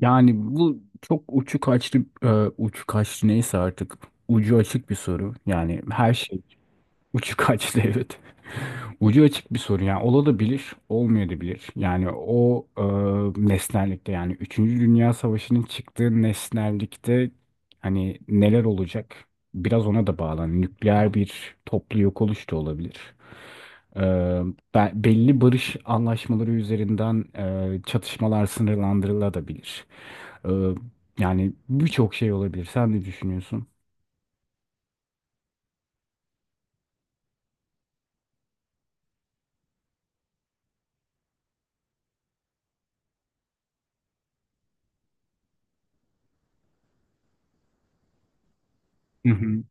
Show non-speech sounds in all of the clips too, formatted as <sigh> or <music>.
Yani bu çok uçu kaçtı, uçu kaçtı neyse artık ucu açık bir soru. Yani her şey uçu kaçtı <laughs> evet. Ucu açık bir soru, yani olabilir, olmayabilir. Yani o nesnellikte, yani üçüncü Dünya Savaşı'nın çıktığı nesnellikte hani neler olacak? Biraz ona da bağlı. Hani nükleer bir toplu yok oluş da olabilir. E, Belli barış anlaşmaları üzerinden çatışmalar sınırlandırılabilir. Ee, Yani birçok şey olabilir. Sen ne düşünüyorsun? Hı hı.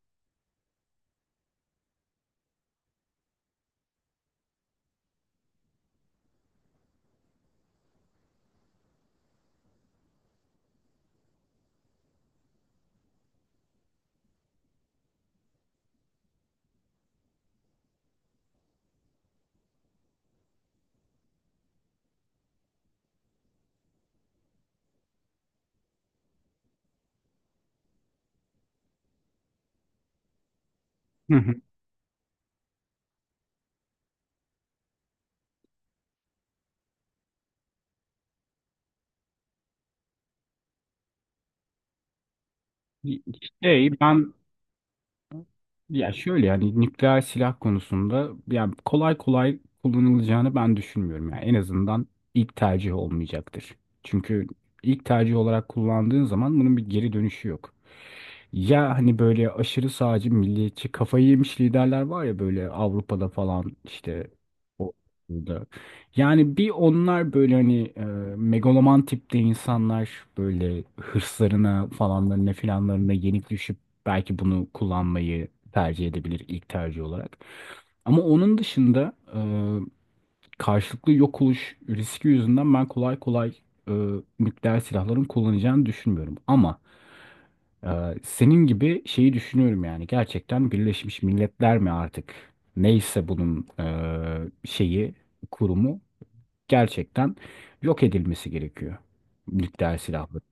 Hı hı. Şey ben, ya şöyle, yani nükleer silah konusunda, yani kolay kolay kullanılacağını ben düşünmüyorum. Yani en azından ilk tercih olmayacaktır. Çünkü ilk tercih olarak kullandığın zaman bunun bir geri dönüşü yok. Ya hani böyle aşırı sağcı milliyetçi kafayı yemiş liderler var ya, böyle Avrupa'da falan işte o- burada. Yani bir onlar böyle hani megaloman tipte insanlar, böyle hırslarına falanlarına filanlarına yenik düşüp belki bunu kullanmayı tercih edebilir ilk tercih olarak. Ama onun dışında karşılıklı yok oluş riski yüzünden ben kolay kolay e, nükleer silahların kullanacağını düşünmüyorum. Ama e, senin gibi şeyi düşünüyorum, yani gerçekten Birleşmiş Milletler mi artık, neyse bunun şeyi, kurumu, gerçekten yok edilmesi gerekiyor nükleer silahların.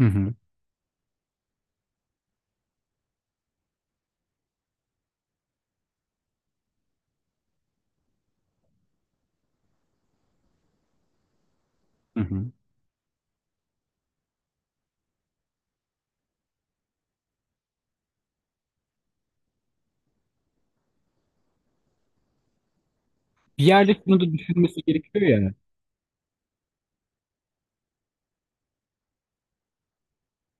Hı hı. Hı hı. Bir yerde şunu da düşünmesi gerekiyor ya.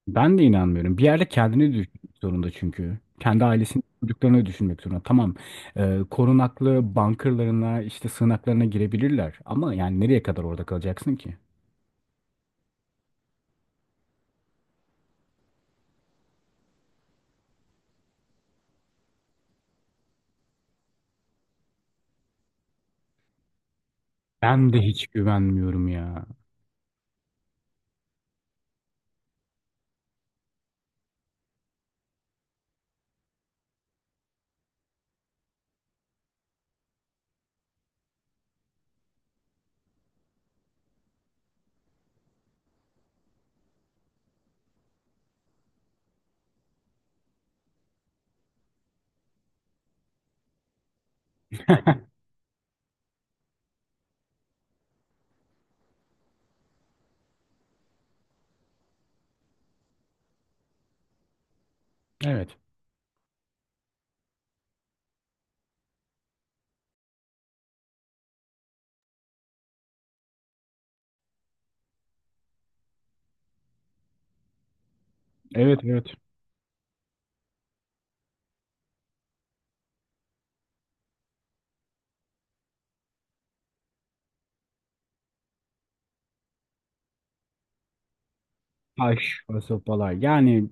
Ben de inanmıyorum. Bir yerde kendini düşünmek zorunda çünkü. Kendi ailesini, çocuklarını düşünmek zorunda. Tamam, korunaklı bunkerlarına, işte sığınaklarına girebilirler. Ama yani nereye kadar orada kalacaksın ki? Ben de hiç güvenmiyorum ya. Evet, evet, evet. Taş ve sopalar. Yani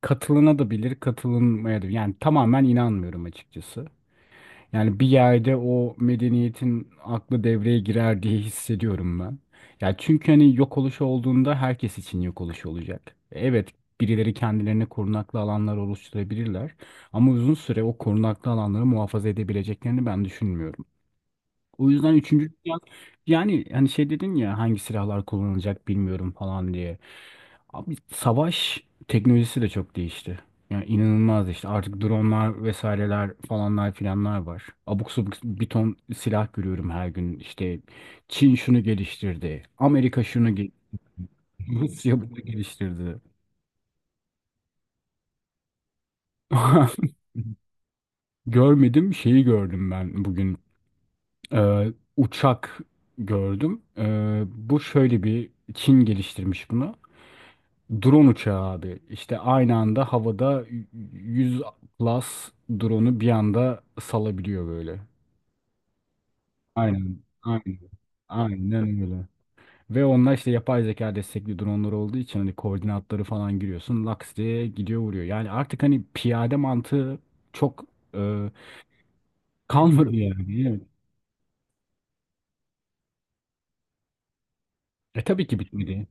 katılına da bilir, katılınmaya da. Yani tamamen inanmıyorum açıkçası. Yani bir yerde o medeniyetin aklı devreye girer diye hissediyorum ben. Ya çünkü hani yok oluş olduğunda herkes için yok oluş olacak. Evet, birileri kendilerine korunaklı alanlar oluşturabilirler ama uzun süre o korunaklı alanları muhafaza edebileceklerini ben düşünmüyorum. O yüzden üçüncü dünya, yani hani şey dedin ya hangi silahlar kullanılacak bilmiyorum falan diye. Abi savaş teknolojisi de çok değişti. Yani inanılmaz, işte artık dronlar vesaireler falanlar filanlar var. Abuk subuk bir ton silah görüyorum her gün. İşte Çin şunu geliştirdi. <laughs> Rusya bunu geliştirdi. <laughs> Görmedim, şeyi gördüm ben bugün. Uçak gördüm. Bu şöyle, bir Çin geliştirmiş bunu. Drone uçağı abi. İşte aynı anda havada 100+ drone'u bir anda salabiliyor böyle. Aynen. Aynen. Aynen öyle. Ve onlar işte yapay zeka destekli dronlar olduğu için hani koordinatları falan giriyorsun. Laks diye gidiyor vuruyor. Yani artık hani piyade mantığı çok e, kalmadı yani. Evet. E tabii ki bitmedi.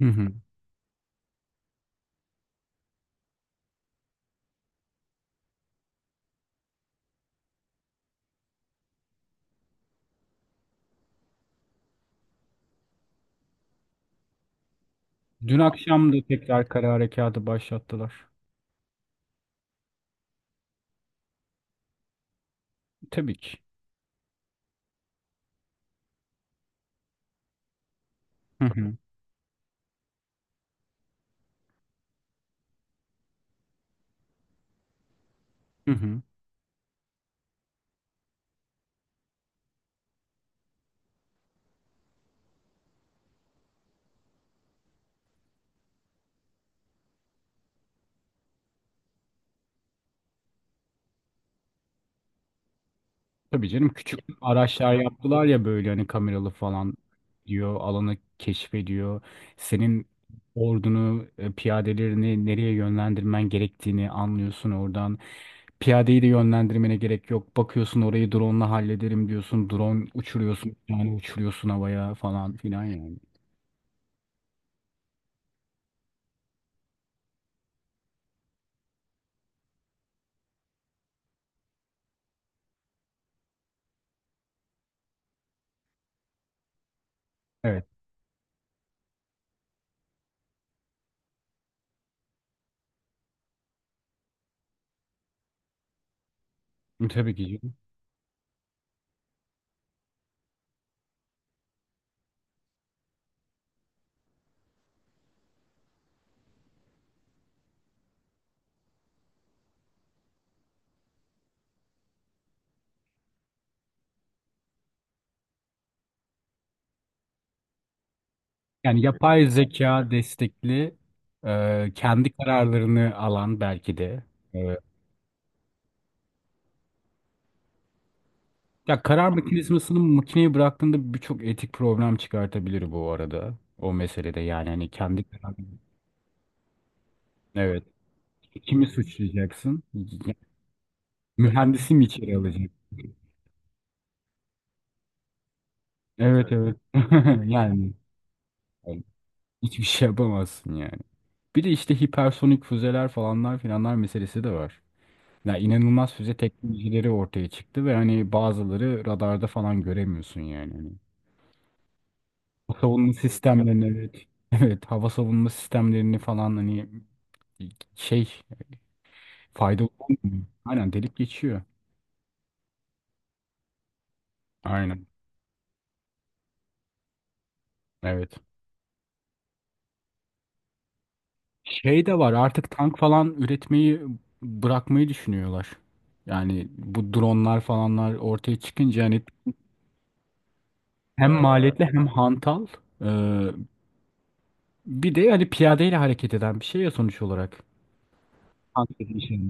Hı hı. Dün akşam da tekrar kara harekatı başlattılar. Tabii ki. Hı hı. Hı hı. Tabii canım, küçük araçlar yaptılar ya, böyle hani kameralı falan, diyor alanı keşfediyor. Senin ordunu piyadelerini nereye yönlendirmen gerektiğini anlıyorsun oradan. Piyadeyi de yönlendirmene gerek yok. Bakıyorsun orayı drone'la hallederim diyorsun. Drone uçuruyorsun, yani uçuruyorsun havaya falan filan yani. Evet, tabii ki canım. Yani yapay zeka destekli kendi kararlarını alan belki de. e, Ya karar mekanizmasını makineye bıraktığında birçok etik problem çıkartabilir bu arada. O meselede, yani hani kendi karar. Evet. Kimi suçlayacaksın? Mühendisi mi içeri alacaksın? Evet, evet. <laughs> Yani yani hiçbir şey yapamazsın yani. Bir de işte hipersonik füzeler falanlar filanlar meselesi de var. Ya inanılmaz füze teknolojileri ortaya çıktı ve hani bazıları radarda falan göremiyorsun yani. Hani hava savunma sistemlerini, evet. <laughs> Evet, hava savunma sistemlerini falan hani şey faydalı olmuyor. Aynen, delip geçiyor. Aynen. Evet. Şey de var, artık tank falan üretmeyi bırakmayı düşünüyorlar. Yani bu dronlar falanlar ortaya çıkınca hani hem maliyetli hem hantal, ee, bir de hani piyadeyle hareket eden bir şey ya sonuç olarak. Bir şey.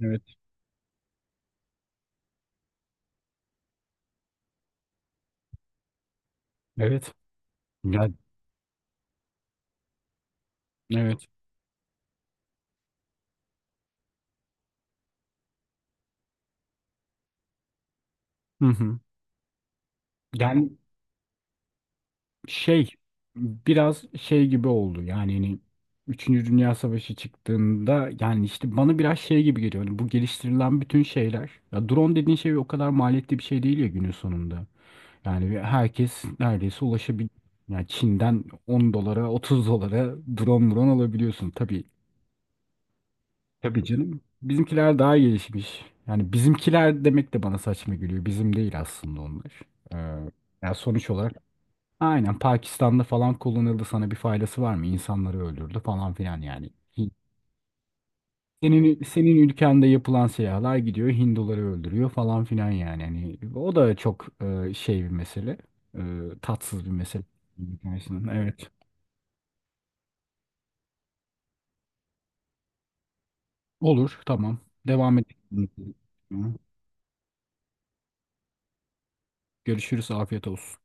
Evet. Evet. Ya, evet. Hı hı. Yani şey, biraz şey gibi oldu yani hani Üçüncü Dünya Savaşı çıktığında yani işte bana biraz şey gibi geliyor. Hani bu geliştirilen bütün şeyler, ya drone dediğin şey o kadar maliyetli bir şey değil ya günün sonunda. Yani ve herkes neredeyse ulaşabilir. Yani Çin'den 10 dolara 30 dolara drone alabiliyorsun. Tabii, tabii canım. Bizimkiler daha gelişmiş. Yani bizimkiler demek de bana saçma geliyor. Bizim değil aslında onlar. Ee, Yani sonuç olarak aynen Pakistan'da falan kullanıldı, sana bir faydası var mı? İnsanları öldürdü falan filan yani. Hi- Senin, senin ülkende yapılan silahlar gidiyor Hinduları öldürüyor falan filan yani. Hani o da çok şey bir mesele. E, Tatsız bir mesele. Evet. Olur, tamam. Devam edelim. Görüşürüz, afiyet olsun.